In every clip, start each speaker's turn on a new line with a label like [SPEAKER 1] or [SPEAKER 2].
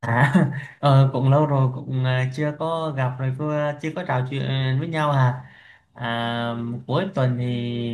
[SPEAKER 1] À, ờ, cũng lâu rồi, chưa có gặp rồi chưa có trò chuyện với nhau à. à Cuối tuần thì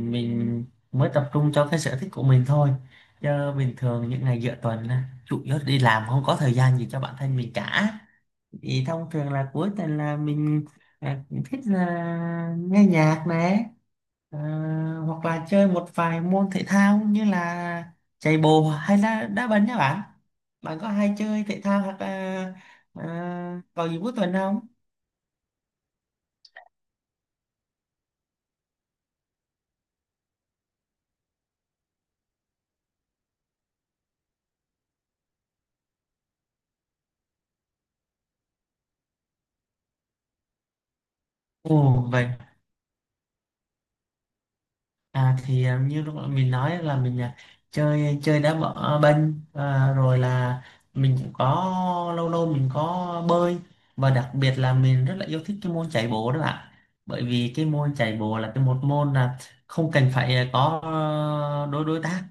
[SPEAKER 1] mình mới tập trung cho cái sở thích của mình thôi, chứ bình thường những ngày giữa tuần á, chủ yếu đi làm không có thời gian gì cho bản thân mình cả. Thì thông thường là cuối tuần là mình ờ, thích là nghe nhạc này. Ờ, Hoặc là chơi một vài môn thể thao như là chạy bộ hay là đá banh nhá bạn. Bạn có hay chơi thể thao hoặc là ờ, vào dịp cuối tuần không? Ồ vậy. À thì à, như lúc nãy mình nói là mình chơi chơi đá bọ banh à, rồi là mình cũng có lâu lâu mình có bơi, và đặc biệt là mình rất là yêu thích cái môn chạy bộ đó bạn. Bởi vì cái môn chạy bộ là cái một môn là không cần phải có à, đối đối tác.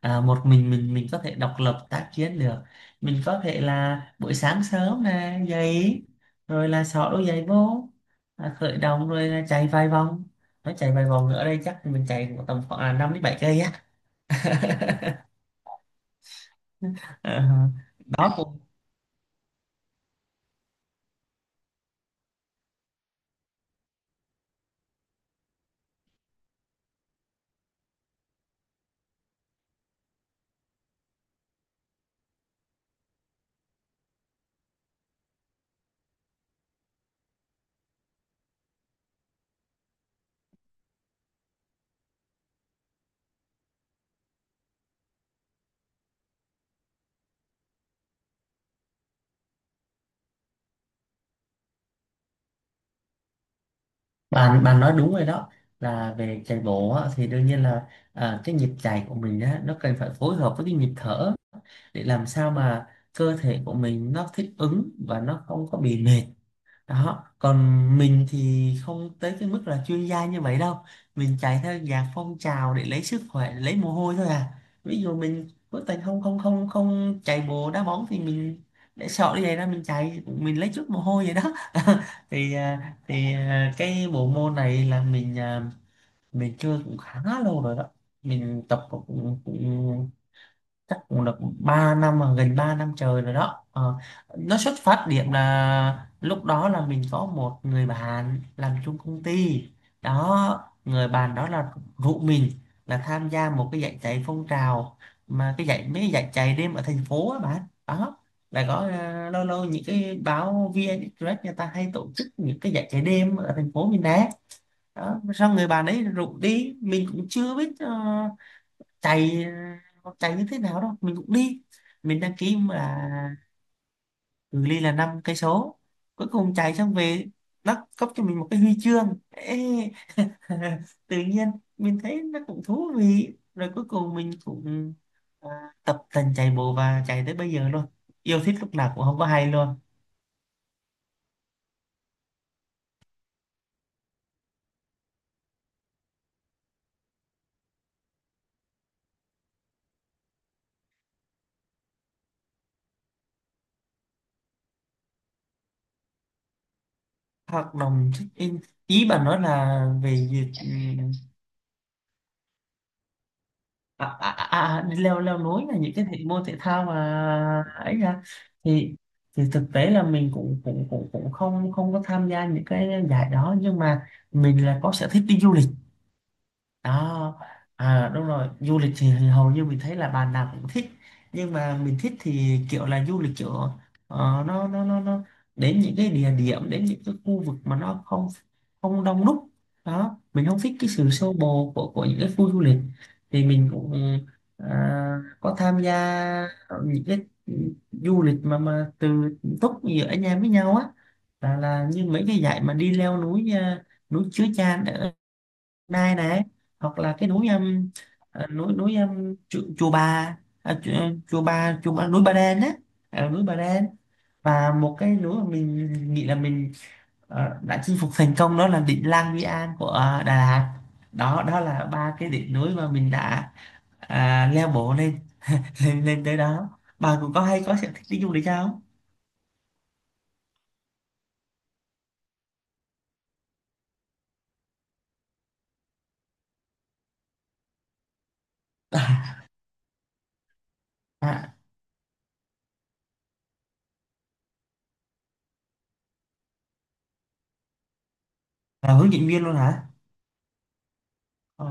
[SPEAKER 1] Một mình có thể độc lập tác chiến được. Mình có thể là buổi sáng sớm nè dậy rồi là xỏ đôi giày vô, khởi động rồi là chạy vài vòng. Nó chạy vài vòng ở đây chắc mình chạy tầm khoảng là 5 đến 7 cây á. Ờ, đó cũng… bạn bạn nói đúng rồi đó. Là về chạy bộ á, thì đương nhiên là cái nhịp chạy của mình á, nó cần phải phối hợp với cái nhịp thở để làm sao mà cơ thể của mình nó thích ứng và nó không có bị mệt đó. Còn mình thì không tới cái mức là chuyên gia như vậy đâu, mình chạy theo dạng phong trào để lấy sức khỏe lấy mồ hôi thôi à. Ví dụ mình cuối tuần không không không không chạy bộ đá bóng thì mình để sợ đi vậy ra mình chạy mình lấy chút mồ hôi vậy đó. Cái bộ môn này là mình chơi cũng khá lâu rồi đó. Mình tập cũng chắc cũng được 3 năm à, gần 3 năm trời rồi đó. Ờ, nó xuất phát điểm là lúc đó là mình có một người bạn làm chung công ty đó. Người bạn đó là rủ mình là tham gia một cái giải chạy phong trào, mà cái giải mấy giải chạy đêm ở thành phố á bạn. Đó là có ờ, lâu lâu những cái báo VN Express người ta hay tổ chức những cái giải chạy đêm ở thành phố mình nè. Đó xong người bạn ấy rủ đi, mình cũng chưa biết chạy con chạy như thế nào đâu, mình cũng đi. Mình đăng ký là cự ly là năm cây số. Cuối cùng chạy xong về, nó cấp cho mình một cái huy chương. Ê, tự nhiên mình thấy nó cũng thú vị, rồi cuối cùng mình cũng à, tập tành chạy bộ và chạy tới bây giờ luôn. Yêu thích lúc nào cũng không có hay luôn. Hoạt động check-in, ý bạn nói là về việc… ừ, đi leo leo núi là những cái thể môn thể thao mà ấy ra. thì thì thực tế là mình cũng cũng cũng cũng không không có tham gia những cái giải đó, nhưng mà mình là có sở thích đi du lịch đó. À đúng rồi, du lịch thì hầu như mình thấy là bạn nào cũng thích, nhưng mà mình thích thì kiểu là du lịch kiểu nó đến những cái địa điểm, đến những cái khu vực mà nó không không đông đúc đó. Mình không thích cái sự xô bồ của những cái khu du lịch. Thì mình cũng ờ, có tham gia những cái du lịch mà từ túc giữa anh em với nhau á. Là Như mấy cái dạy mà đi leo núi, núi Chứa Chan Nai này, hoặc là cái núi chùa Bà, à, chùa, núi Bà Đen á. Núi Bà Đen. Và một cái núi mà mình nghĩ là mình đã chinh phục thành công đó là đỉnh Lang Biang An của Đà Lạt đó. Đó là ba cái đỉnh núi mà mình đã leo bộ lên lên lên tới đó. Bà cũng có hay có sở thích đi du lịch không? À, là hướng dẫn viên luôn hả? Ờ,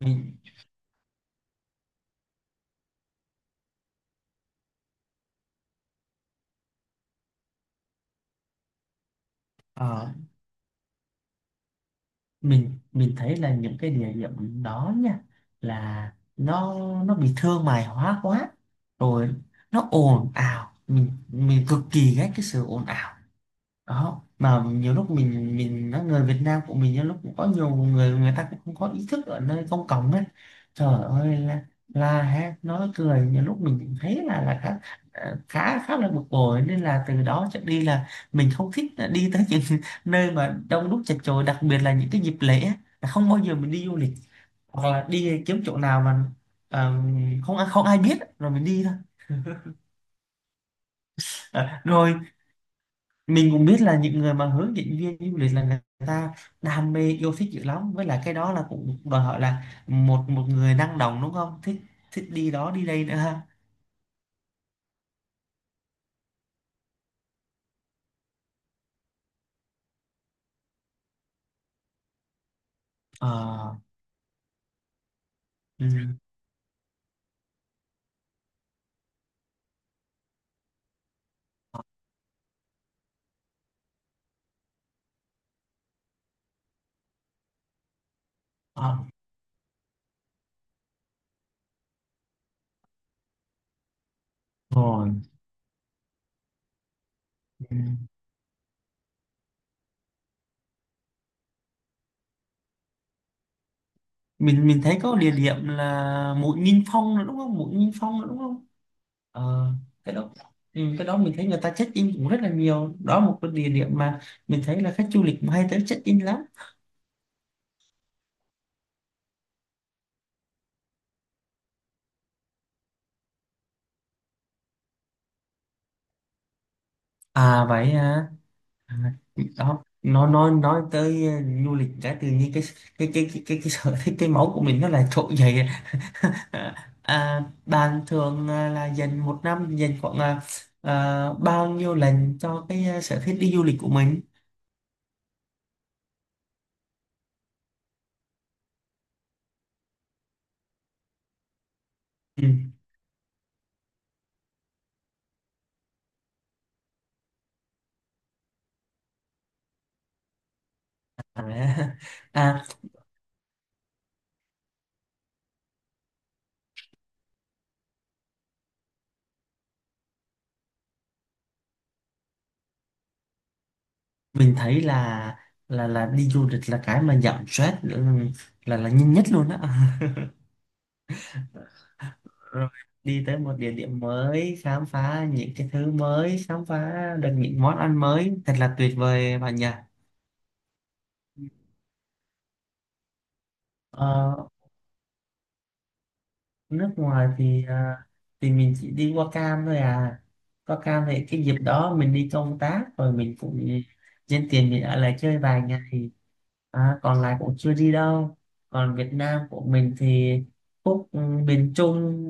[SPEAKER 1] mình… ờ, mình thấy là những cái địa điểm đó nha, là nó bị thương mại hóa quá rồi, nó ồn ào. Mình cực kỳ ghét cái sự ồn ào đó. Mà nhiều lúc mình nói người Việt Nam của mình nhiều lúc cũng có nhiều người, người ta cũng không có ý thức ở nơi công cộng ấy. Trời ơi là ha, nói cười nhiều lúc mình cũng thấy là khá ờ, khá khá là bực bội. Nên là từ đó trở đi là mình không thích là đi tới những nơi mà đông đúc chật chội, đặc biệt là những cái dịp lễ á, là không bao giờ mình đi du lịch. Hoặc là đi kiếm chỗ nào mà ờ, không không ai biết rồi mình đi thôi. Ờ, rồi mình cũng biết là những người mà hướng dẫn viên du lịch là người ta đam mê yêu thích dữ lắm, với lại cái đó là cũng đòi hỏi là một một người năng động đúng không, thích thích đi đó đi đây nữa ha. Ờ. Ừ, ờ, rồi. Ừ. mình thấy có địa điểm là Mũi Nghinh Phong nữa đúng không, Mũi Nghinh Phong nữa đúng không? Ờ, cái đó… ừ, cái đó mình thấy người ta check in cũng rất là nhiều. Đó là một cái địa điểm mà mình thấy là khách du lịch cũng hay tới check in lắm. À vậy hả. À, đó nó nói tới du lịch, cái tự nhiên cái cái sở thích cái máu của mình nó lại trỗi dậy. À, bạn thường là dành một năm dành khoảng bao nhiêu lần cho cái sở thích đi du lịch của mình? Ừ. À, à, mình thấy là đi du lịch là cái mà giảm stress, ừ, là nhanh nhất luôn đó. Rồi đi tới một địa điểm mới, khám phá những cái thứ mới, khám phá được những món ăn mới, thật là tuyệt vời bạn nhỉ. Ờ, nước ngoài thì thì mình chỉ đi qua Cam thôi à. Qua Cam thì cái dịp đó mình đi công tác rồi mình cũng nhân tiền mình ở lại chơi vài ngày. À, còn lại cũng chưa đi đâu. Còn Việt Nam của mình thì khúc ừ, miền Trung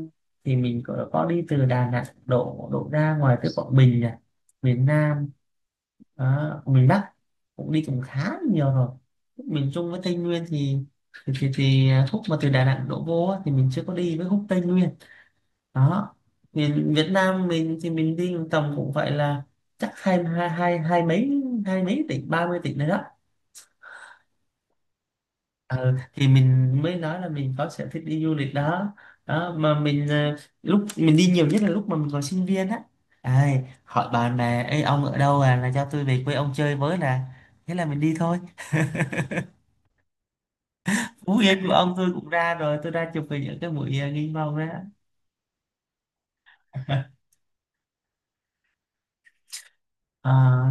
[SPEAKER 1] thì mình có đi từ Đà Nẵng đổ đổ ra ngoài tới Quảng Bình à. Miền Nam. Đó, miền Bắc cũng đi cũng khá là nhiều rồi. Khúc miền Trung với Tây Nguyên thì thì Phúc mà từ Đà Nẵng đổ vô á, thì mình chưa có đi với Phúc Tây Nguyên đó. Miền Việt Nam mình thì mình đi tầm cũng phải là chắc hai hai hai hai hai mấy tỉnh ba mươi tỉnh nữa đó. Ờ, thì mình mới nói là mình có sở thích đi du lịch đó. Đó mà mình lúc mình đi nhiều nhất là lúc mà mình còn sinh viên á. Ai, hỏi bạn bè: Ê, ông ở đâu à, là cho tôi về quê ông chơi với, là thế là mình đi thôi. Phú Yên của ông tôi cũng ra rồi, tôi ra chụp hình ở cái buổi nghinh mông đó. À,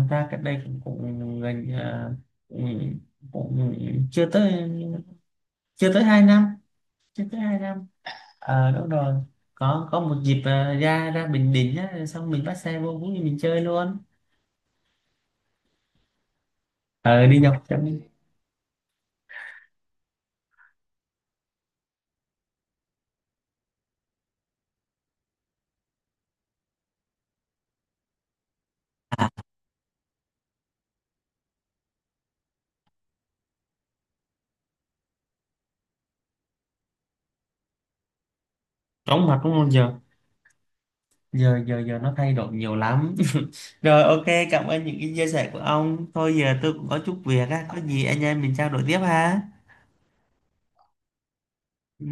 [SPEAKER 1] ra cách đây cũng cũng gần cũng, cũng chưa tới hai năm, chưa tới hai năm. Ờ đúng rồi, có một dịp ra ra Bình Định á, xong mình bắt xe vô Phú Yên mình chơi luôn. Ờ đi dọc trong. Chóng mặt đúng không? Giờ giờ nó thay đổi nhiều lắm. Rồi, ok, cảm ơn những cái chia sẻ của ông. Thôi giờ tôi cũng có chút việc á, có gì anh em mình trao đổi tiếp ha. Ừ.